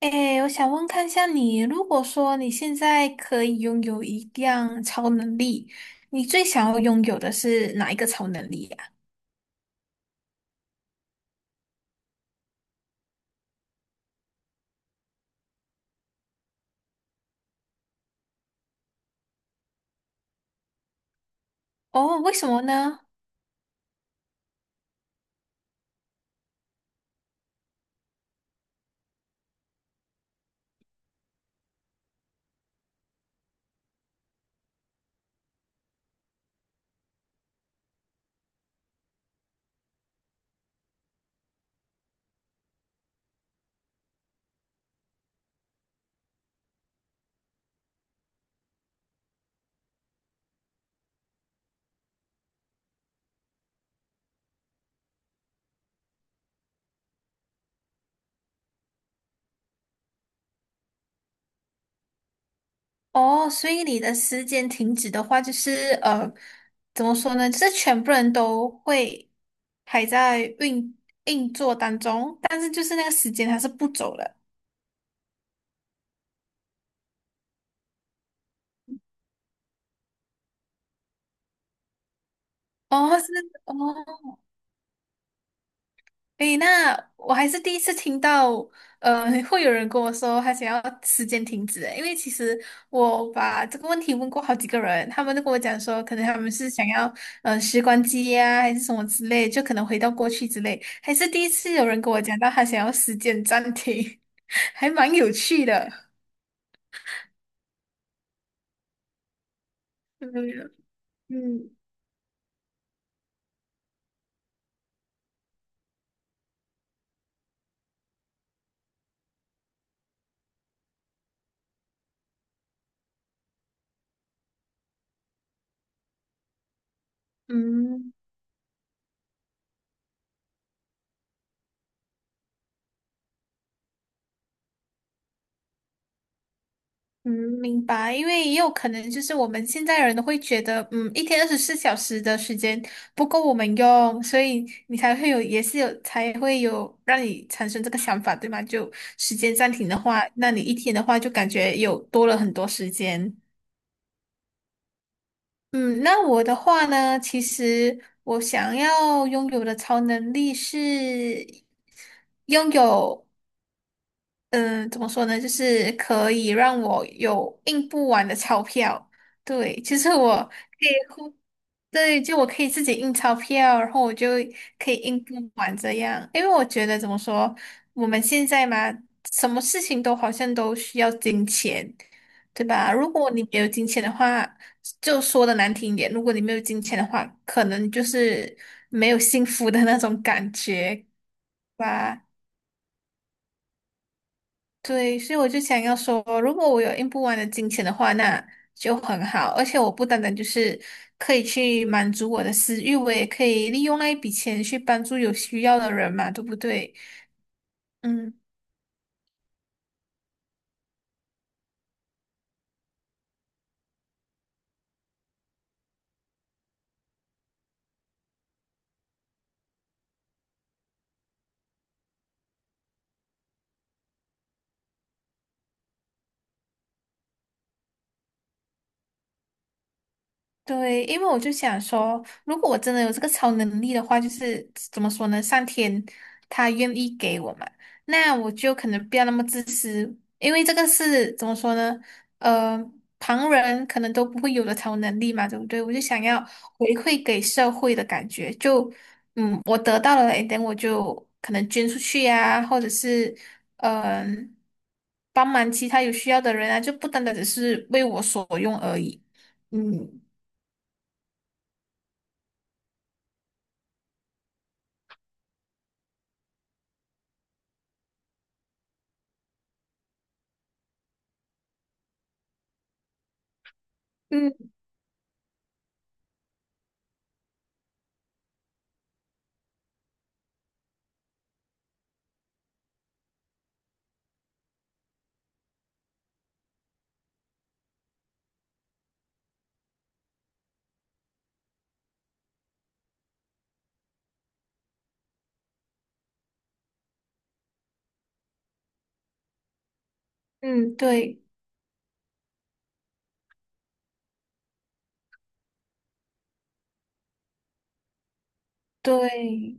诶，我想问看一下你，如果说你现在可以拥有一样超能力，你最想要拥有的是哪一个超能力呀？哦，为什么呢？哦，所以你的时间停止的话，就是怎么说呢？就是全部人都会还在运作当中，但是就是那个时间它是不走了。哦，是哦，诶，那我还是第一次听到，会有人跟我说他想要时间停止诶，因为其实我把这个问题问过好几个人，他们都跟我讲说，可能他们是想要时光机呀、还是什么之类，就可能回到过去之类，还是第一次有人跟我讲到他想要时间暂停，还蛮有趣的。嗯嗯嗯。嗯，明白，因为也有可能就是我们现在人都会觉得，嗯，一天24小时的时间不够我们用，所以你才会有，也是有，才会有让你产生这个想法，对吗？就时间暂停的话，那你一天的话就感觉有多了很多时间。嗯，那我的话呢，其实我想要拥有的超能力是拥有。怎么说呢？就是可以让我有印不完的钞票。对，其实我可以互，对，就我可以自己印钞票，然后我就可以印不完这样。因为我觉得怎么说，我们现在嘛，什么事情都好像都需要金钱，对吧？如果你没有金钱的话，就说的难听一点，如果你没有金钱的话，可能就是没有幸福的那种感觉吧。对，所以我就想要说，如果我有用不完的金钱的话，那就很好。而且我不单单就是可以去满足我的私欲，我也可以利用那一笔钱去帮助有需要的人嘛，对不对？嗯。对，因为我就想说，如果我真的有这个超能力的话，就是怎么说呢？上天他愿意给我嘛，那我就可能不要那么自私，因为这个是怎么说呢？呃，旁人可能都不会有的超能力嘛，对不对？我就想要回馈给社会的感觉，就嗯，我得到了，等我就可能捐出去呀、或者是嗯、帮忙其他有需要的人啊，就不单单只是为我所用而已。嗯，嗯嗯，对对，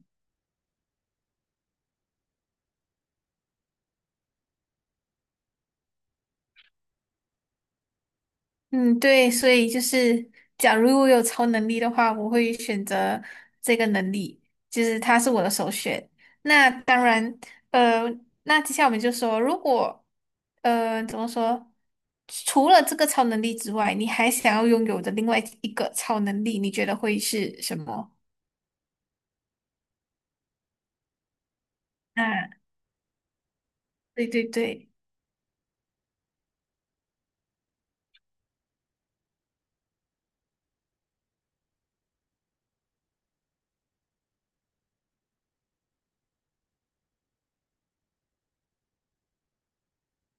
嗯对，所以就是，假如我有超能力的话，我会选择这个能力，就是它是我的首选。那当然，呃，那接下来我们就说，如果怎么说，除了这个超能力之外，你还想要拥有的另外一个超能力，你觉得会是什么？啊，对对对，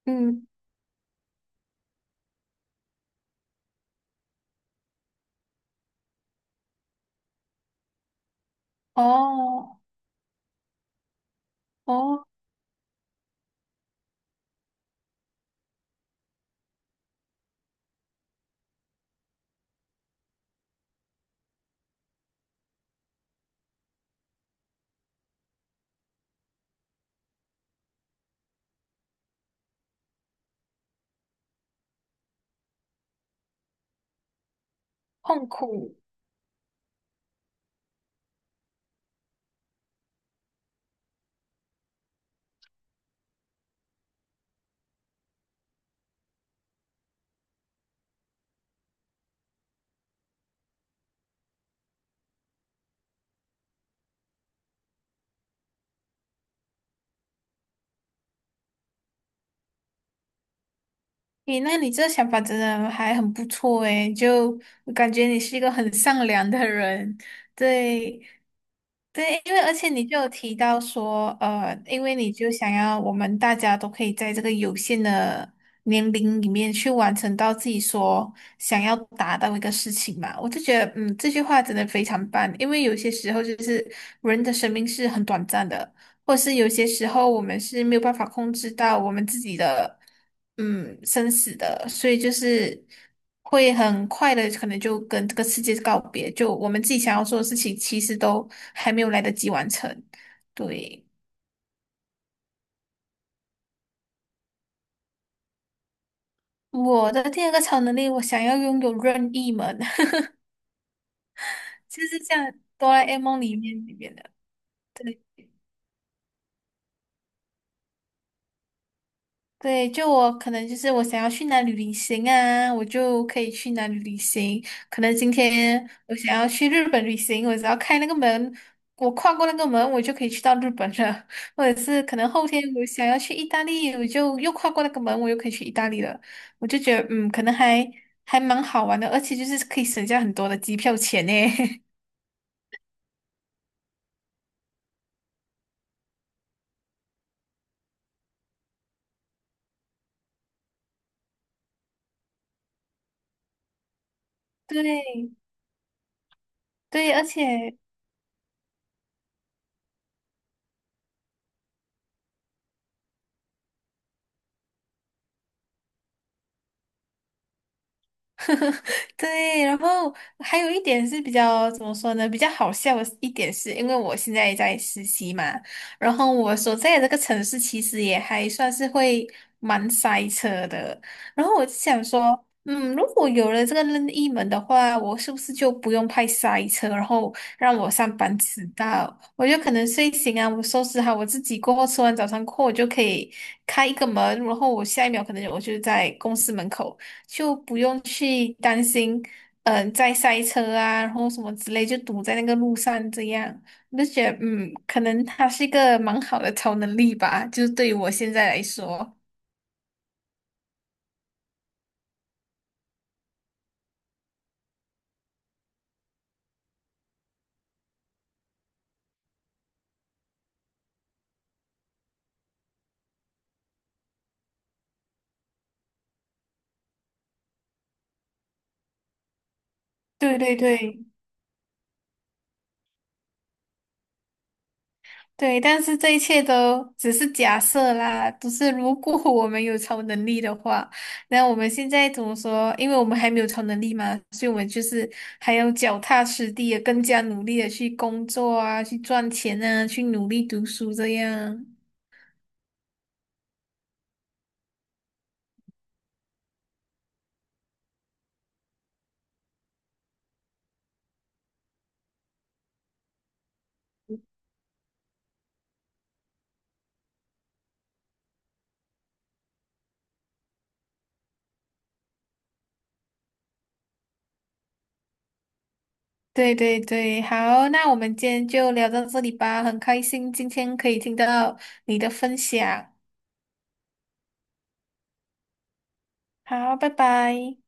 嗯，哦哦，痛苦。诶，那你这想法真的还很不错诶，就我感觉你是一个很善良的人，对，对，因为而且你就有提到说，因为你就想要我们大家都可以在这个有限的年龄里面去完成到自己所想要达到一个事情嘛，我就觉得，嗯，这句话真的非常棒，因为有些时候就是人的生命是很短暂的，或是有些时候我们是没有办法控制到我们自己的。嗯生死的，所以就是会很快的，可能就跟这个世界告别。就我们自己想要做的事情，其实都还没有来得及完成。对，我的第二个超能力，我想要拥有任意门，就是像哆啦 A 梦里面的。对，就我可能就是我想要去哪里旅行啊，我就可以去哪里旅行。可能今天我想要去日本旅行，我只要开那个门，我跨过那个门，我就可以去到日本了。或者是可能后天我想要去意大利，我就又跨过那个门，我又可以去意大利了。我就觉得，嗯，可能还蛮好玩的，而且就是可以省下很多的机票钱呢。对对，而且 对，然后还有一点是比较怎么说呢？比较好笑的一点是，因为我现在在实习嘛，然后我所在的这个城市其实也还算是会蛮塞车的。然后我就想说，嗯，如果有了这个任意门的话，我是不是就不用怕塞车，然后让我上班迟到？我就可能睡醒啊，我收拾好我自己过后，吃完早餐过后，我就可以开一个门，然后我下一秒可能我就在公司门口。就不用去担心，在塞车啊，然后什么之类，就堵在那个路上这样，我就觉得，嗯，可能它是一个蛮好的超能力吧，就是对于我现在来说，对对对对，但是这一切都只是假设啦，只是如果 我们有超能力的话，那我们现在怎么说？因为我们还没有超能力嘛，所以我们就是还要脚踏实地的，更加努力的去工作啊，去赚钱啊，去努力读书这样。对对对，好，那我们今天就聊到这里吧，很开心今天可以听到你的分享，好，拜拜。